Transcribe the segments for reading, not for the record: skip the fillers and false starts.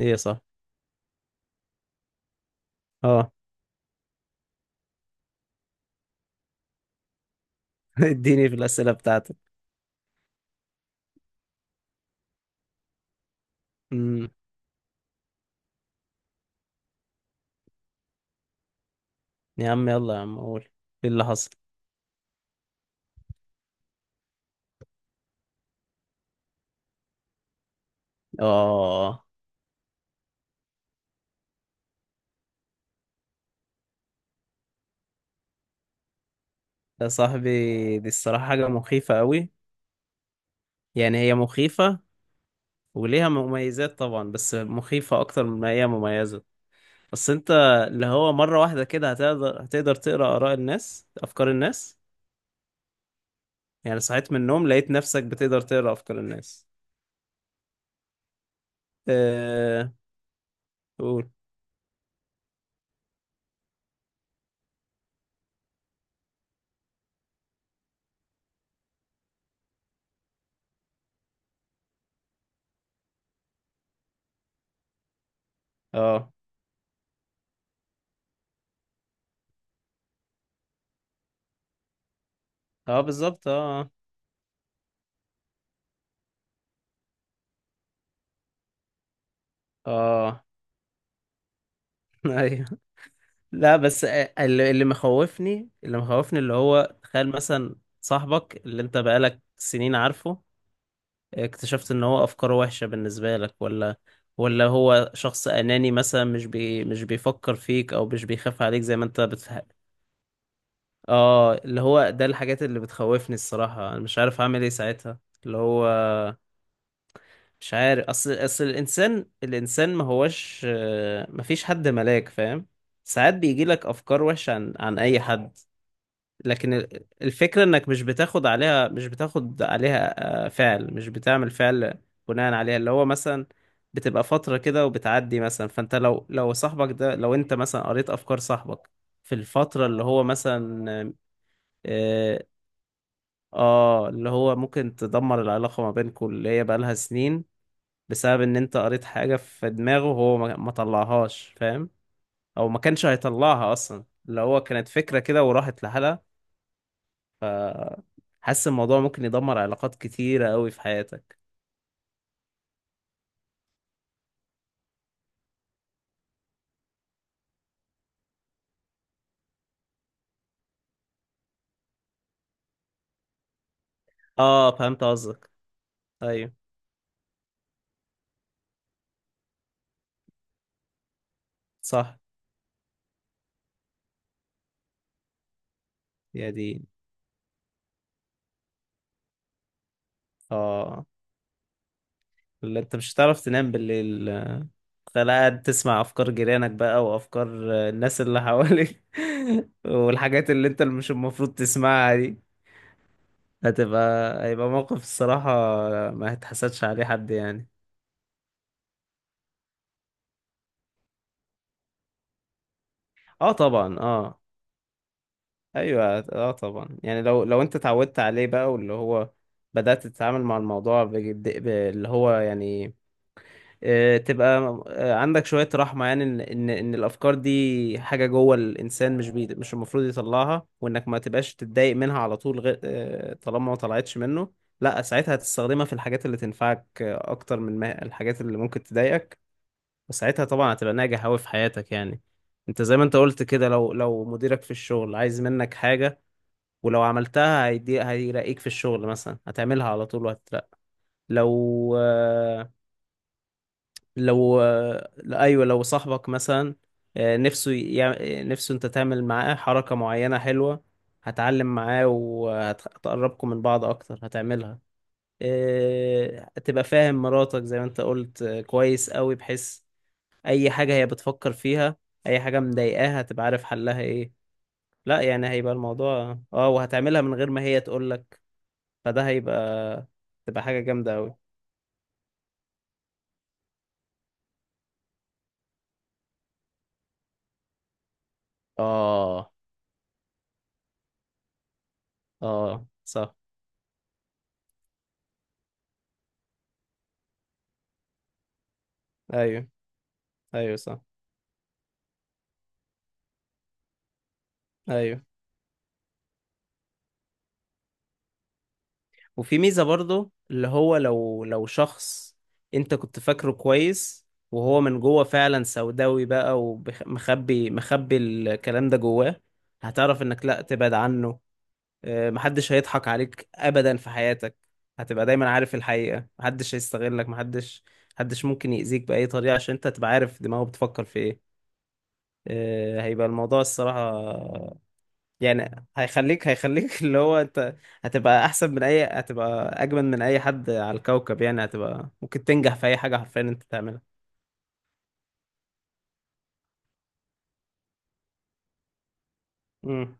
ايه صح. اه. اديني في الأسئلة بتاعتك. امم. يا عم يلا، يا عم قول. ايه اللي حصل؟ اه. يا صاحبي، دي الصراحة حاجة مخيفة قوي. يعني هي مخيفة، وليها مميزات طبعا بس مخيفة أكتر من ما هي مميزة. بس أنت، اللي هو مرة واحدة كده هتقدر تقرأ آراء الناس، أفكار الناس. يعني صحيت من النوم لقيت نفسك بتقدر تقرأ أفكار الناس. اه. قول. اه، اه بالظبط، اه. اه ايوه. لا بس اللي مخوفني اللي هو تخيل مثلا صاحبك اللي انت بقالك سنين عارفه، اكتشفت ان هو افكاره وحشة بالنسبة لك، ولا هو شخص اناني مثلا، مش بيفكر فيك او مش بيخاف عليك زي ما انت اه، اللي هو ده الحاجات اللي بتخوفني الصراحة. انا مش عارف اعمل ايه ساعتها. اللي هو مش عارف، اصل الانسان ما هوش، ما فيش حد ملاك، فاهم؟ ساعات بيجي لك افكار وحشة عن اي حد، لكن الفكرة انك مش بتاخد عليها، فعل، مش بتعمل فعل بناء عليها. اللي هو مثلا بتبقى فترة كده وبتعدي. مثلا فانت، لو صاحبك ده، لو انت مثلا قريت افكار صاحبك في الفترة اللي هو مثلا، اه، اللي هو ممكن تدمر العلاقة ما بينكم اللي هي بقالها سنين، بسبب ان انت قريت حاجة في دماغه وهو ما طلعهاش، فاهم؟ او ما كانش هيطلعها اصلا. اللي هو كانت فكرة كده وراحت لحالها. حاسس الموضوع ممكن يدمر علاقات كتيرة قوي في حياتك. اه فهمت قصدك. ايوه صح. يا دي. اه، اللي انت مش هتعرف تنام بالليل. تخيل قاعد تسمع افكار جيرانك بقى، وافكار الناس اللي حواليك. والحاجات اللي مش المفروض تسمعها دي، هتبقى، هيبقى موقف الصراحة ما هتحسدش عليه حد يعني. اه طبعا، اه. ايوه اه طبعا، يعني لو انت اتعودت عليه بقى، واللي هو بدأت تتعامل مع الموضوع بجد، اللي هو يعني تبقى عندك شوية رحمة، يعني إن الأفكار دي حاجة جوه الإنسان، مش المفروض يطلعها، وإنك ما تبقاش تتضايق منها على طول، غير طالما ما طلعتش منه. لا، ساعتها هتستخدمها في الحاجات اللي تنفعك أكتر من ما الحاجات اللي ممكن تضايقك. وساعتها طبعا هتبقى ناجح أوي في حياتك يعني. أنت زي ما أنت قلت كده، لو مديرك في الشغل عايز منك حاجة ولو عملتها هيرقيك في الشغل، مثلا هتعملها على طول وهتترقى. لو لو، لأ، ايوه، لو صاحبك مثلا نفسه انت تعمل معاه حركة معينة حلوة، هتعلم معاه وهتقربكم من بعض اكتر، هتعملها. هتبقى فاهم مراتك زي ما انت قلت كويس قوي، بحيث اي حاجة هي بتفكر فيها، اي حاجة مضايقاها هتبقى عارف حلها ايه. لا يعني هيبقى الموضوع اه، وهتعملها من غير ما هي تقولك. فده هيبقى، تبقى حاجة جامدة قوي. اه، اه صح. ايوه. ايوه صح. ايوه. وفي ميزة برضو، اللي هو لو شخص انت كنت فاكره كويس، وهو من جوه فعلا سوداوي بقى ومخبي، مخبي الكلام ده جواه، هتعرف انك لا، تبعد عنه. محدش هيضحك عليك ابدا في حياتك. هتبقى دايما عارف الحقيقة، محدش هيستغلك، محدش، محدش ممكن يأذيك بأي طريقة، عشان انت تبقى عارف دماغه بتفكر في ايه. هيبقى الموضوع الصراحة. يعني هيخليك اللي هو انت هتبقى اجمل من اي حد على الكوكب يعني. هتبقى ممكن تنجح في اي حاجه، حرفيا انت تعملها. امم.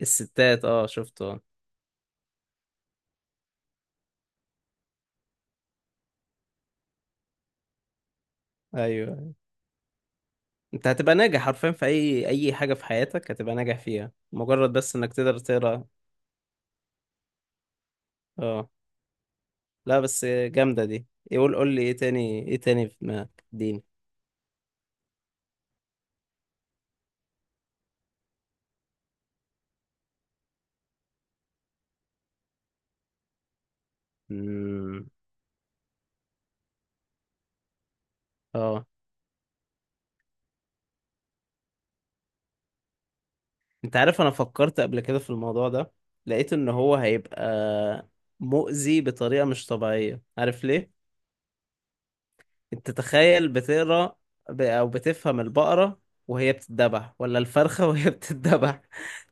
الستات، اه شفته اه. ايوه. انت هتبقى ناجح حرفيا في اي حاجه في حياتك، هتبقى ناجح فيها مجرد بس انك تقدر تقرا. اه. لا بس جامده دي. قول لي ايه تاني، ايه تاني في دماغك، اديني. امم. اه انت عارف، انا فكرت قبل كده في الموضوع ده، لقيت ان هو هيبقى مؤذي بطريقة مش طبيعية. عارف ليه؟ انت تخيل بتقرا، او بتفهم البقرة وهي بتتذبح، ولا الفرخة وهي بتتذبح.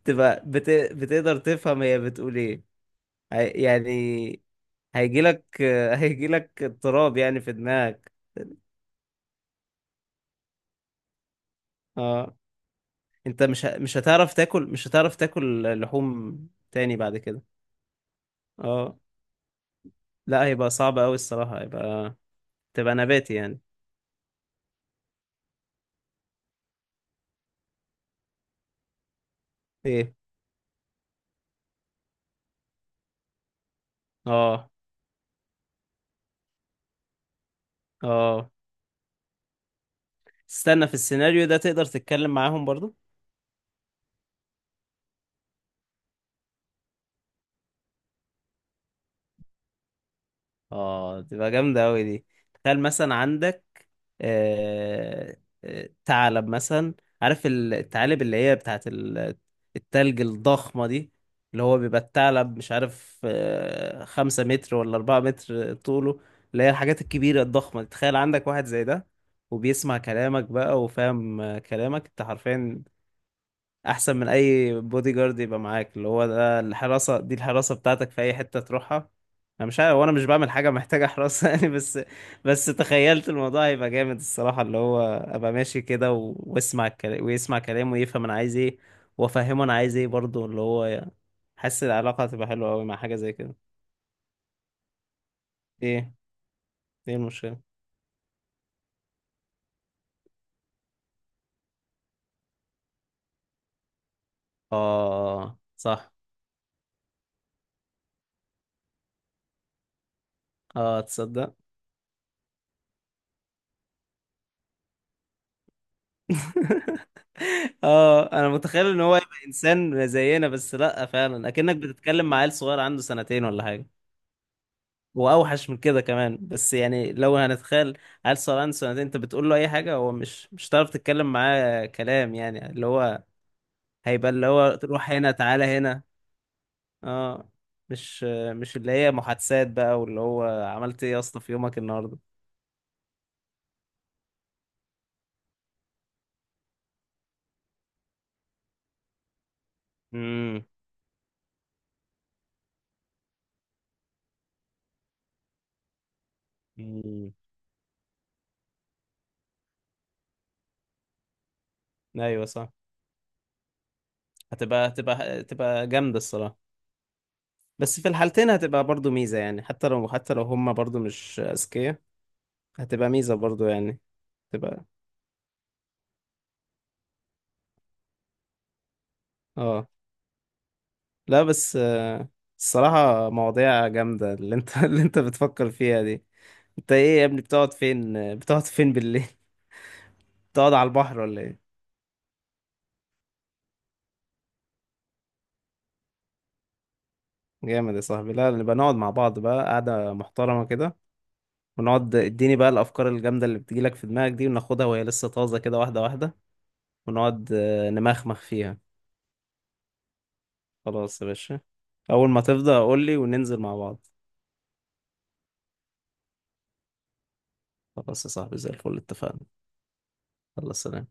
تبقى بتقدر تفهم هي بتقول ايه. يعني هيجيلك هيجيلك اضطراب يعني في دماغك. اه. انت مش هتعرف تاكل لحوم تاني بعد كده. اه. لا هيبقى صعب قوي الصراحة، هيبقى تبقى نباتي يعني. ايه. اه. اه. استنى، في السيناريو ده تقدر تتكلم معاهم برضو؟ اه تبقى جامدة أوي دي. تخيل مثلا عندك آه... ثعلب مثلا، عارف الثعالب اللي هي بتاعت التلج الضخمة دي. اللي هو بيبقى الثعلب مش عارف 5 متر ولا 4 متر طوله، اللي هي الحاجات الكبيرة الضخمة دي. تخيل عندك واحد زي ده، وبيسمع كلامك بقى، وفاهم كلامك انت حرفيا. احسن من اي بودي جارد يبقى معاك، اللي هو ده الحراسه، دي الحراسه بتاعتك في اي حته تروحها. انا مش عارف، وانا مش بعمل حاجه محتاجه حراسه يعني، بس بس تخيلت الموضوع هيبقى جامد الصراحه. اللي هو ابقى ماشي كده واسمع الكلام، ويسمع كلامه، ويفهم انا عايز ايه، وافهمه انا عايز ايه برضه، اللي هو يعني حاسس العلاقه هتبقى حلوه قوي مع حاجه زي كده. ايه؟ ايه المشكله؟ اه صح. اه تصدق؟ اه انا متخيل ان هو يبقى انسان زينا، بس لا، فعلا اكنك بتتكلم مع عيل صغير عنده سنتين ولا حاجه، واوحش من كده كمان، بس يعني لو هنتخيل عيل صغير عنده سنتين، انت بتقول له اي حاجه هو مش هتعرف تتكلم معاه كلام يعني، اللي هو هيبقى اللي هو روح هنا، تعالى هنا. اه. مش مش اللي هي محادثات بقى، واللي هو عملت ايه يا اسطى في يومك النهارده. امم. أمم. ايوه صح. هتبقى جامده الصراحه. بس في الحالتين هتبقى برضو ميزة، يعني حتى لو هما برضو مش أذكياء، هتبقى ميزة برضو يعني. تبقى. اه. لا بس الصراحة مواضيع جامدة اللي انت اللي انت بتفكر فيها دي. انت ايه يا ابني، بتقعد فين، بتقعد فين بالليل؟ بتقعد على البحر ولا ايه؟ جامد يا صاحبي. لا، نبقى نقعد مع بعض بقى قعدة محترمة كده، ونقعد اديني بقى الأفكار الجامدة اللي بتجيلك في دماغك دي، وناخدها وهي لسه طازة كده، واحدة واحدة، ونقعد نمخمخ فيها. خلاص يا باشا. أول ما تفضى قول لي وننزل مع بعض. خلاص يا صاحبي، زي الفل، اتفقنا. يلا سلام.